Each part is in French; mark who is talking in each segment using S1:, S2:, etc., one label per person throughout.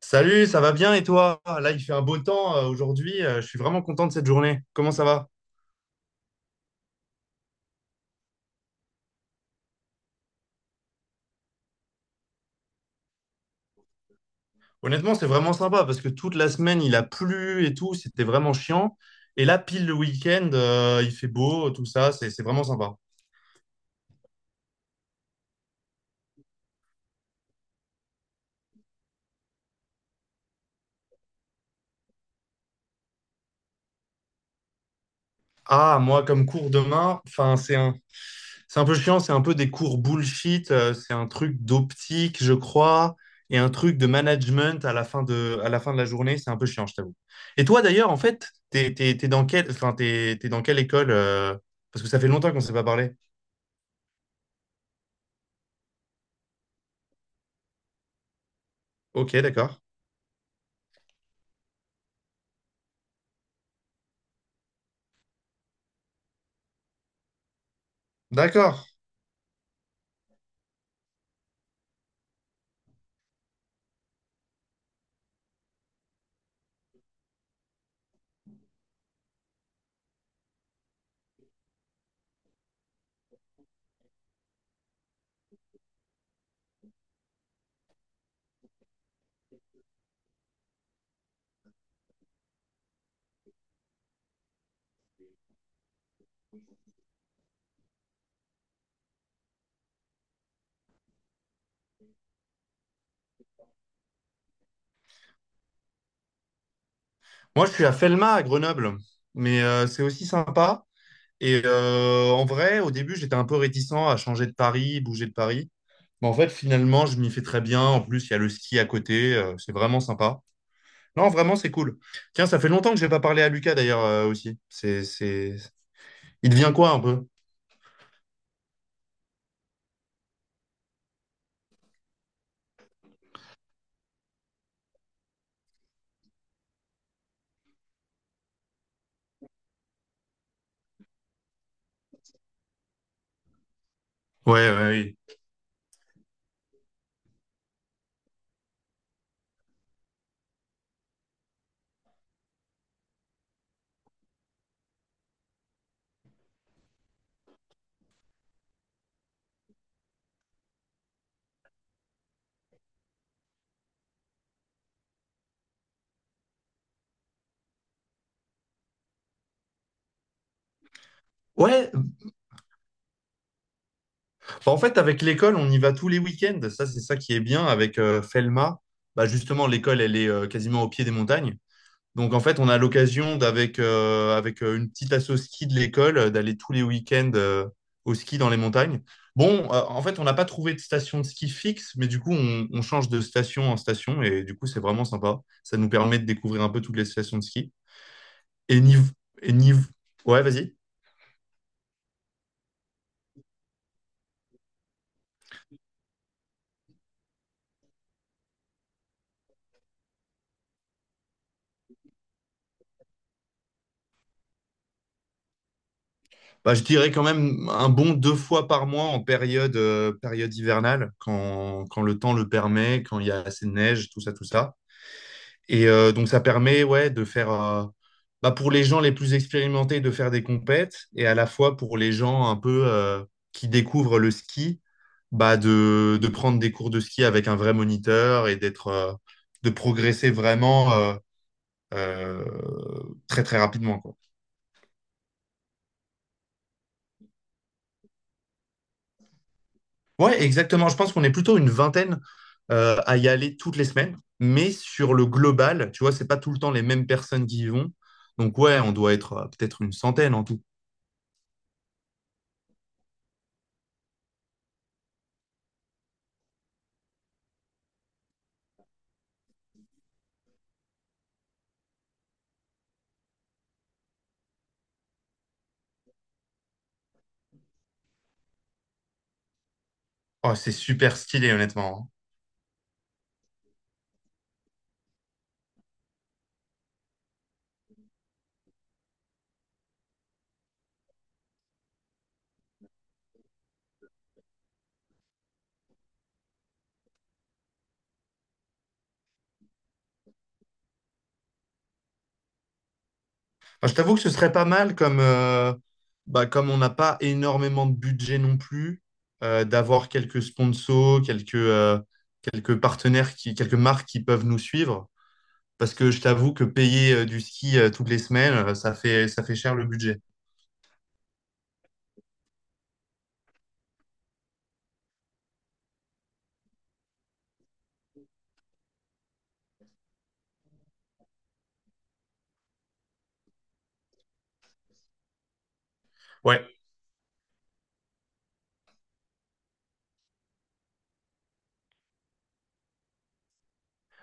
S1: Salut, ça va bien et toi? Là, il fait un beau temps aujourd'hui. Je suis vraiment content de cette journée. Comment ça va? Honnêtement, c'est vraiment sympa parce que toute la semaine, il a plu et tout. C'était vraiment chiant. Et là, pile le week-end, il fait beau, tout ça. C'est vraiment sympa. Ah, moi, comme cours demain, enfin, c'est un peu chiant, c'est un peu des cours bullshit, c'est un truc d'optique, je crois, et un truc de management à la fin de la journée, c'est un peu chiant, je t'avoue. Et toi, d'ailleurs, en fait, t'es dans t'es dans quelle école parce que ça fait longtemps qu'on ne s'est pas parlé. Ok, d'accord. D'accord. Moi, je suis à Felma, à Grenoble, mais c'est aussi sympa. Et en vrai, au début, j'étais un peu réticent à changer de Paris, bouger de Paris. Mais en fait, finalement, je m'y fais très bien. En plus, il y a le ski à côté, c'est vraiment sympa. Non, vraiment, c'est cool. Tiens, ça fait longtemps que j'ai pas parlé à Lucas d'ailleurs aussi. C'est, Il devient quoi un peu? Ouais, ouais, oui. Ouais, bah, en fait, avec l'école, on y va tous les week-ends. Ça, c'est ça qui est bien avec Felma. Bah, justement, l'école, elle est quasiment au pied des montagnes. Donc en fait, on a l'occasion d'avec avec une petite asso ski de l'école d'aller tous les week-ends au ski dans les montagnes. Bon, en fait, on n'a pas trouvé de station de ski fixe, mais du coup, on change de station en station et du coup, c'est vraiment sympa. Ça nous permet de découvrir un peu toutes les stations de ski. Et niv et niv ouais, vas-y. Bah, je dirais quand même un bon deux fois par mois en période hivernale, quand le temps le permet, quand il y a assez de neige, tout ça, tout ça. Et donc, ça permet ouais, bah, pour les gens les plus expérimentés, de faire des compètes, et à la fois pour les gens un peu qui découvrent le ski, bah, de prendre des cours de ski avec un vrai moniteur et de progresser vraiment euh, très, très rapidement, quoi. Ouais, exactement. Je pense qu'on est plutôt une vingtaine à y aller toutes les semaines, mais sur le global, tu vois, c'est pas tout le temps les mêmes personnes qui y vont. Donc, ouais, on doit être peut-être une centaine en tout. Oh, c'est super stylé, honnêtement. Enfin, je t'avoue que ce serait pas mal bah, comme on n'a pas énormément de budget non plus, d'avoir quelques sponsors, quelques partenaires, quelques marques qui peuvent nous suivre. Parce que je t'avoue que payer du ski toutes les semaines, ça fait cher le budget. Ouais.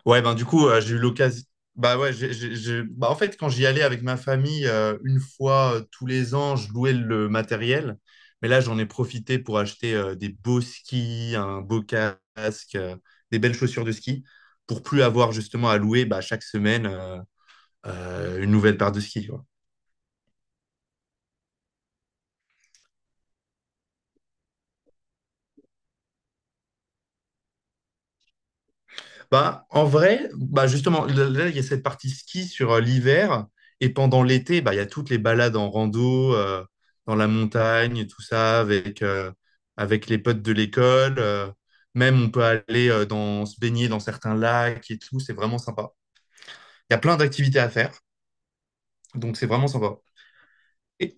S1: Ouais, ben du coup, j'ai eu l'occasion. Bah ouais, bah, en fait, quand j'y allais avec ma famille, une fois tous les ans, je louais le matériel. Mais là, j'en ai profité pour acheter des beaux skis, un beau casque, des belles chaussures de ski, pour plus avoir justement à louer bah, chaque semaine une nouvelle paire de skis. Bah, en vrai, bah justement, là, il y a cette partie ski sur l'hiver. Et pendant l'été, bah, il y a toutes les balades en rando, dans la montagne, tout ça, avec les potes de l'école. Même, on peut aller se baigner dans certains lacs et tout. C'est vraiment sympa. Il y a plein d'activités à faire. Donc, c'est vraiment sympa. Et,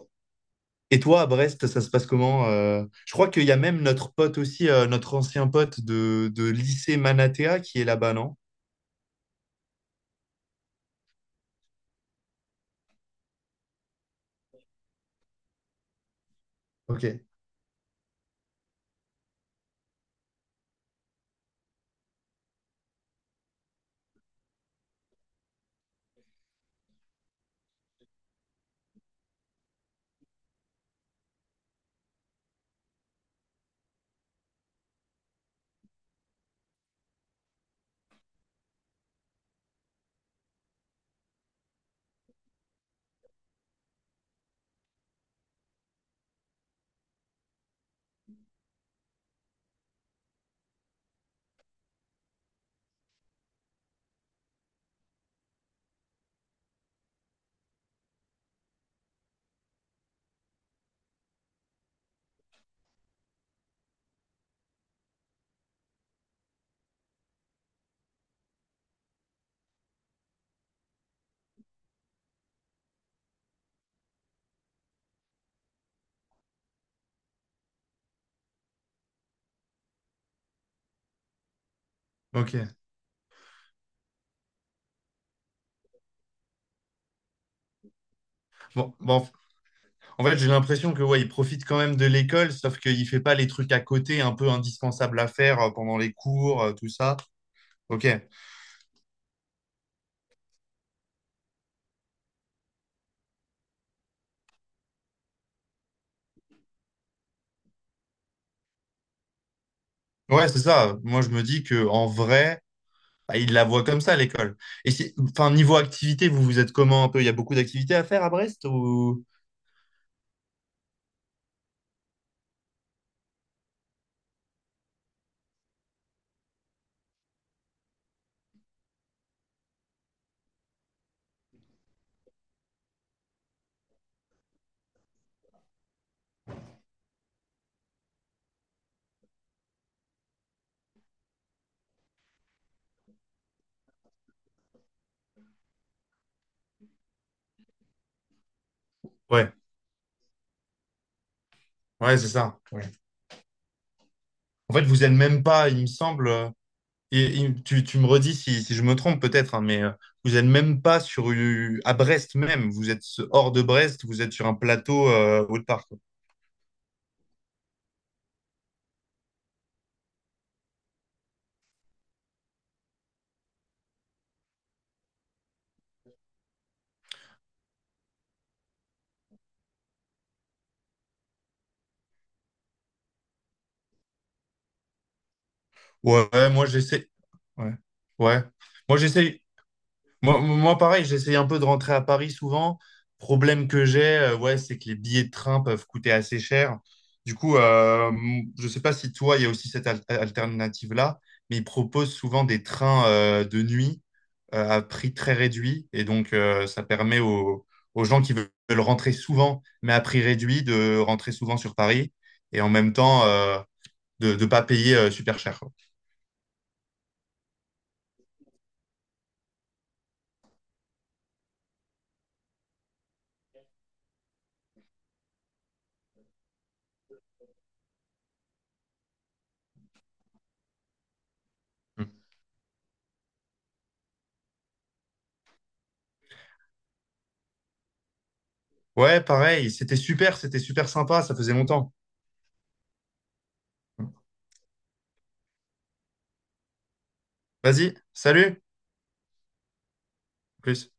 S1: et toi, à Brest, ça se passe comment? Euh, je crois qu'il y a même notre pote aussi, notre ancien pote de lycée Manatea qui est là-bas, non? Ok, ok. Bon, bon, en fait, j'ai l'impression que ouais, il profite quand même de l'école, sauf qu'il fait pas les trucs à côté un peu indispensables à faire pendant les cours, tout ça. Ok. Ouais, c'est ça. Moi, je me dis que en vrai, bah, il la voit comme ça l'école. Enfin, niveau activité, vous êtes comment un peu? Il y a beaucoup d'activités à faire à Brest ou... ouais, ouais, c'est ça. Ouais. En fait, vous êtes même pas, il me semble. Et tu me redis si, si je me trompe peut-être, hein, mais vous êtes même pas sur à Brest même. Vous êtes hors de Brest. Vous êtes sur un plateau autre part. Ouais, ouais, moi j'essaie. Ouais. Ouais. Moi j'essaie. Moi, pareil, j'essaie un peu de rentrer à Paris souvent. Problème que j'ai, ouais, c'est que les billets de train peuvent coûter assez cher. Du coup, je sais pas si toi, il y a aussi cette alternative-là, mais ils proposent souvent des trains de nuit à prix très réduit. Et donc, ça permet aux, aux gens qui veulent rentrer souvent, mais à prix réduit, de rentrer souvent sur Paris et en même temps de ne pas payer super cher, quoi. Ouais, pareil, c'était super sympa, ça faisait longtemps. Vas-y, salut, à plus.